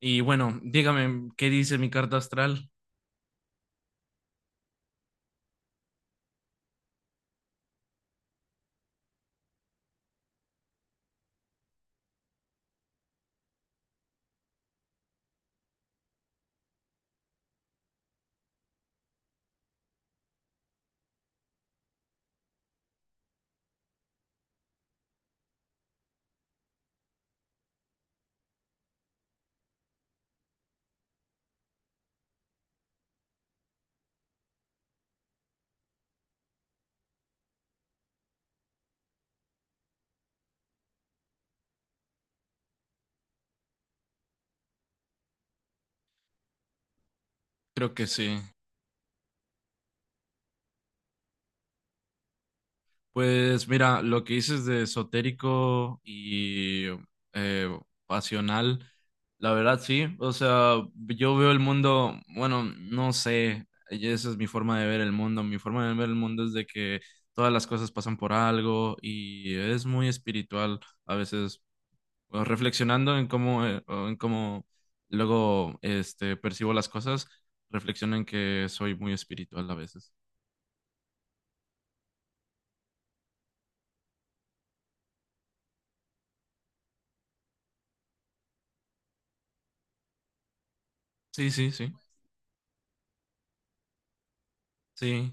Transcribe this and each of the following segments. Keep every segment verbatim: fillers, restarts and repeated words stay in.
Y bueno, dígame, ¿qué dice mi carta astral? Creo que sí. Pues mira, lo que dices de esotérico y eh, pasional, la verdad sí. O sea, yo veo el mundo, bueno, no sé, y esa es mi forma de ver el mundo. Mi forma de ver el mundo es de que todas las cosas pasan por algo y es muy espiritual a veces, o reflexionando en cómo, eh, o en cómo luego este, percibo las cosas, reflexiono en que soy muy espiritual a veces. Sí, sí, sí, sí.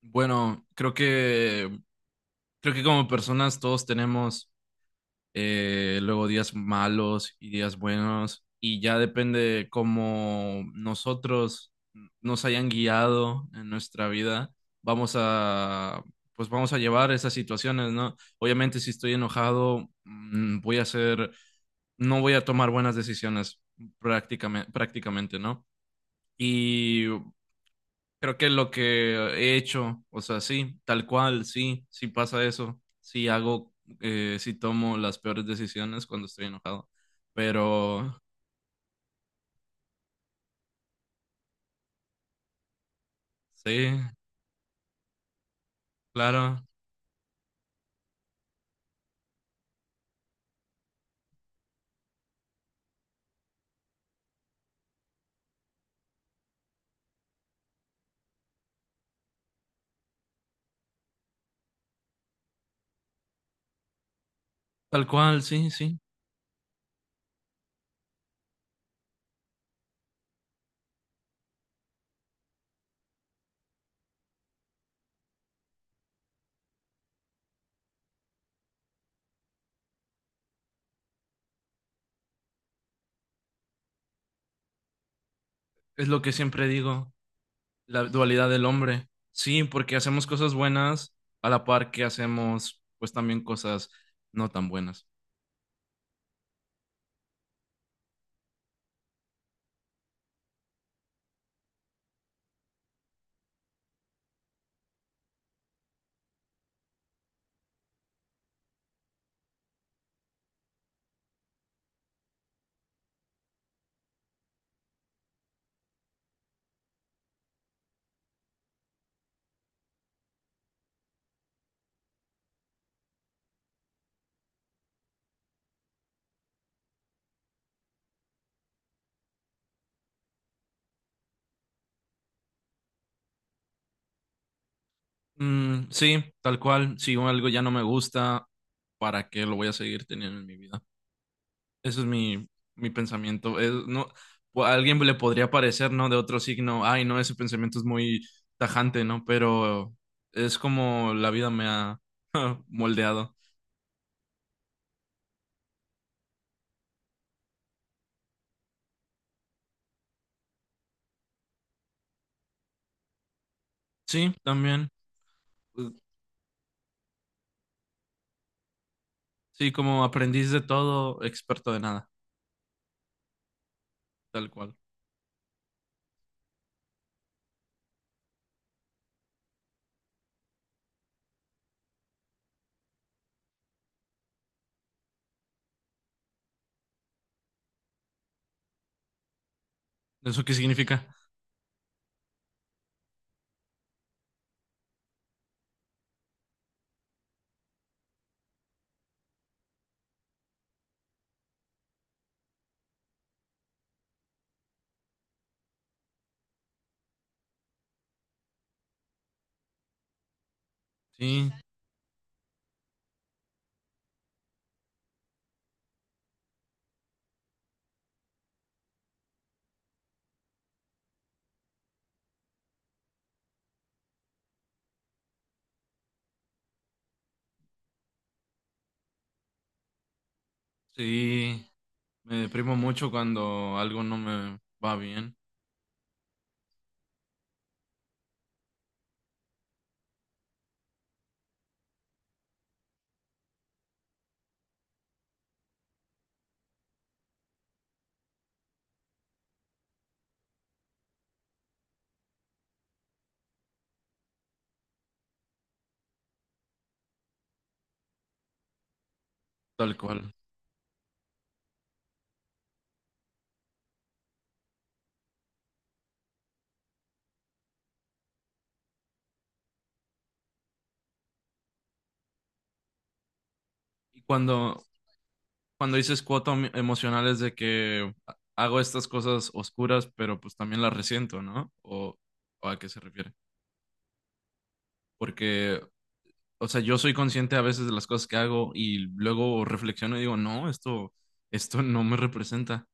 Bueno, creo que, creo que como personas todos tenemos eh, luego días malos y días buenos, y ya depende de cómo nosotros nos hayan guiado en nuestra vida, vamos a, pues vamos a llevar esas situaciones, ¿no? Obviamente si estoy enojado, mm, voy a hacer, no voy a tomar buenas decisiones prácticamente, prácticamente, ¿no? Y creo que lo que he hecho, o sea, sí, tal cual, sí, sí pasa eso, sí hago, eh, sí tomo las peores decisiones cuando estoy enojado, pero sí, claro, tal cual, sí, sí, es lo que siempre digo, la dualidad del hombre, sí, porque hacemos cosas buenas a la par que hacemos, pues también cosas no tan buenas. Mm, sí, tal cual, si algo ya no me gusta, ¿para qué lo voy a seguir teniendo en mi vida? Eso es mi, mi pensamiento. Es- no, o a alguien le podría parecer, ¿no? De otro signo, ay, no, ese pensamiento es muy tajante, ¿no? Pero es como la vida me ha moldeado. Sí, también. Pues, sí, como aprendiz de todo, experto de nada, tal cual. ¿Eso qué significa? Sí, sí, me deprimo mucho cuando algo no me va bien, tal cual. Y cuando, cuando dices cuota emo- emocional es de que hago estas cosas oscuras, pero pues también las resiento, ¿no? ¿O, o a qué se refiere? Porque, o sea, yo soy consciente a veces de las cosas que hago y luego reflexiono y digo, no, esto, esto no me representa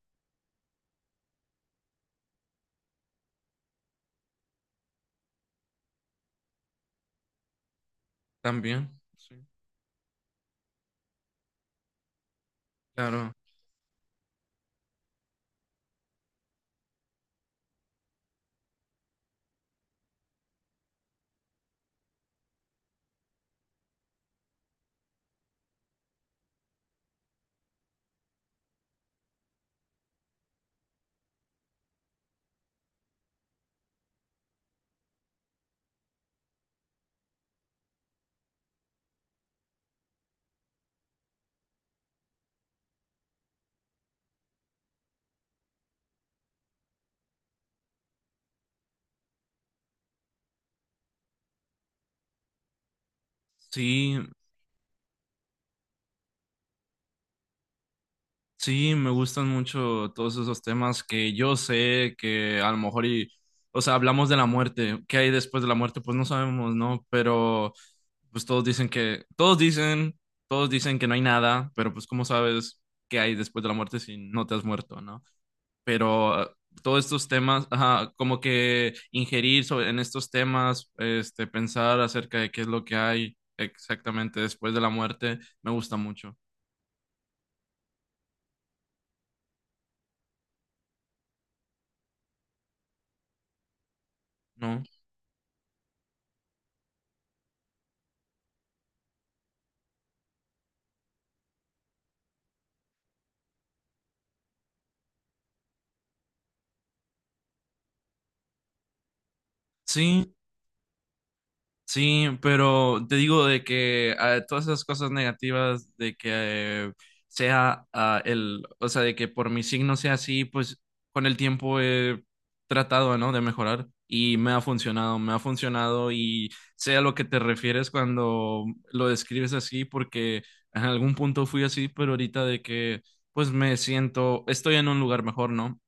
también. Sí. Claro. Sí, sí, me gustan mucho todos esos temas que yo sé que a lo mejor y, o sea, hablamos de la muerte, ¿qué hay después de la muerte? Pues no sabemos, ¿no? Pero pues todos dicen que, todos dicen, todos dicen que no hay nada, pero pues cómo sabes qué hay después de la muerte si no te has muerto, ¿no? Pero ah, todos estos temas, ajá, como que ingerir sobre- en estos temas, este, pensar acerca de qué es lo que hay exactamente después de la muerte, me gusta mucho, ¿no? Sí. Sí, pero te digo de que ah, todas esas cosas negativas de que eh, sea ah, el, o sea, de que por mi signo sea así, pues con el tiempo he tratado, ¿no? De mejorar y me ha funcionado, me ha funcionado y sé a lo que te refieres cuando lo describes así, porque en algún punto fui así, pero ahorita de que pues me siento, estoy en un lugar mejor, ¿no?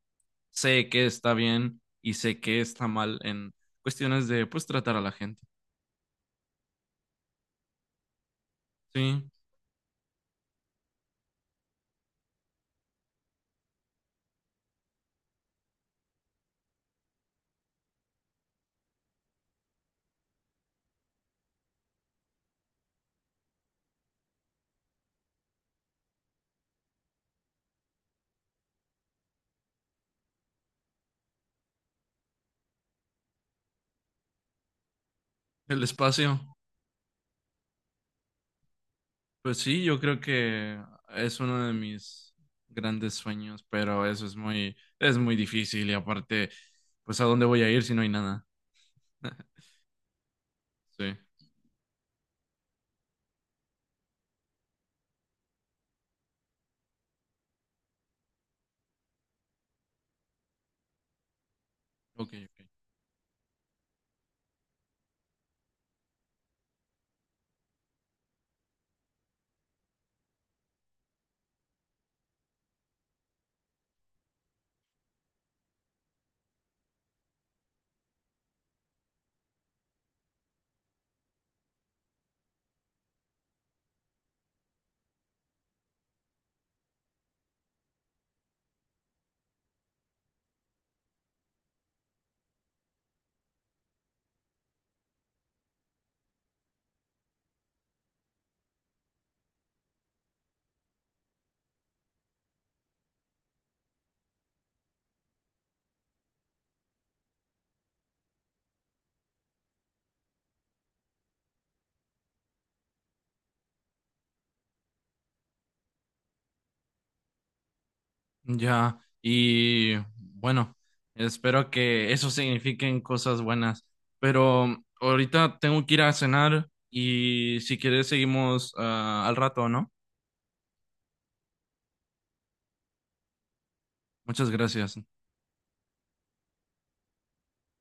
Sé que está bien y sé que está mal en cuestiones de pues tratar a la gente. Sí. El espacio, pues sí, yo creo que es uno de mis grandes sueños, pero eso es muy, es muy difícil y aparte, pues ¿a dónde voy a ir si no hay nada? Sí, ok, ok. Ya, y bueno, espero que eso signifiquen cosas buenas, pero ahorita tengo que ir a cenar y si quieres seguimos ah, al rato, ¿no? Muchas gracias.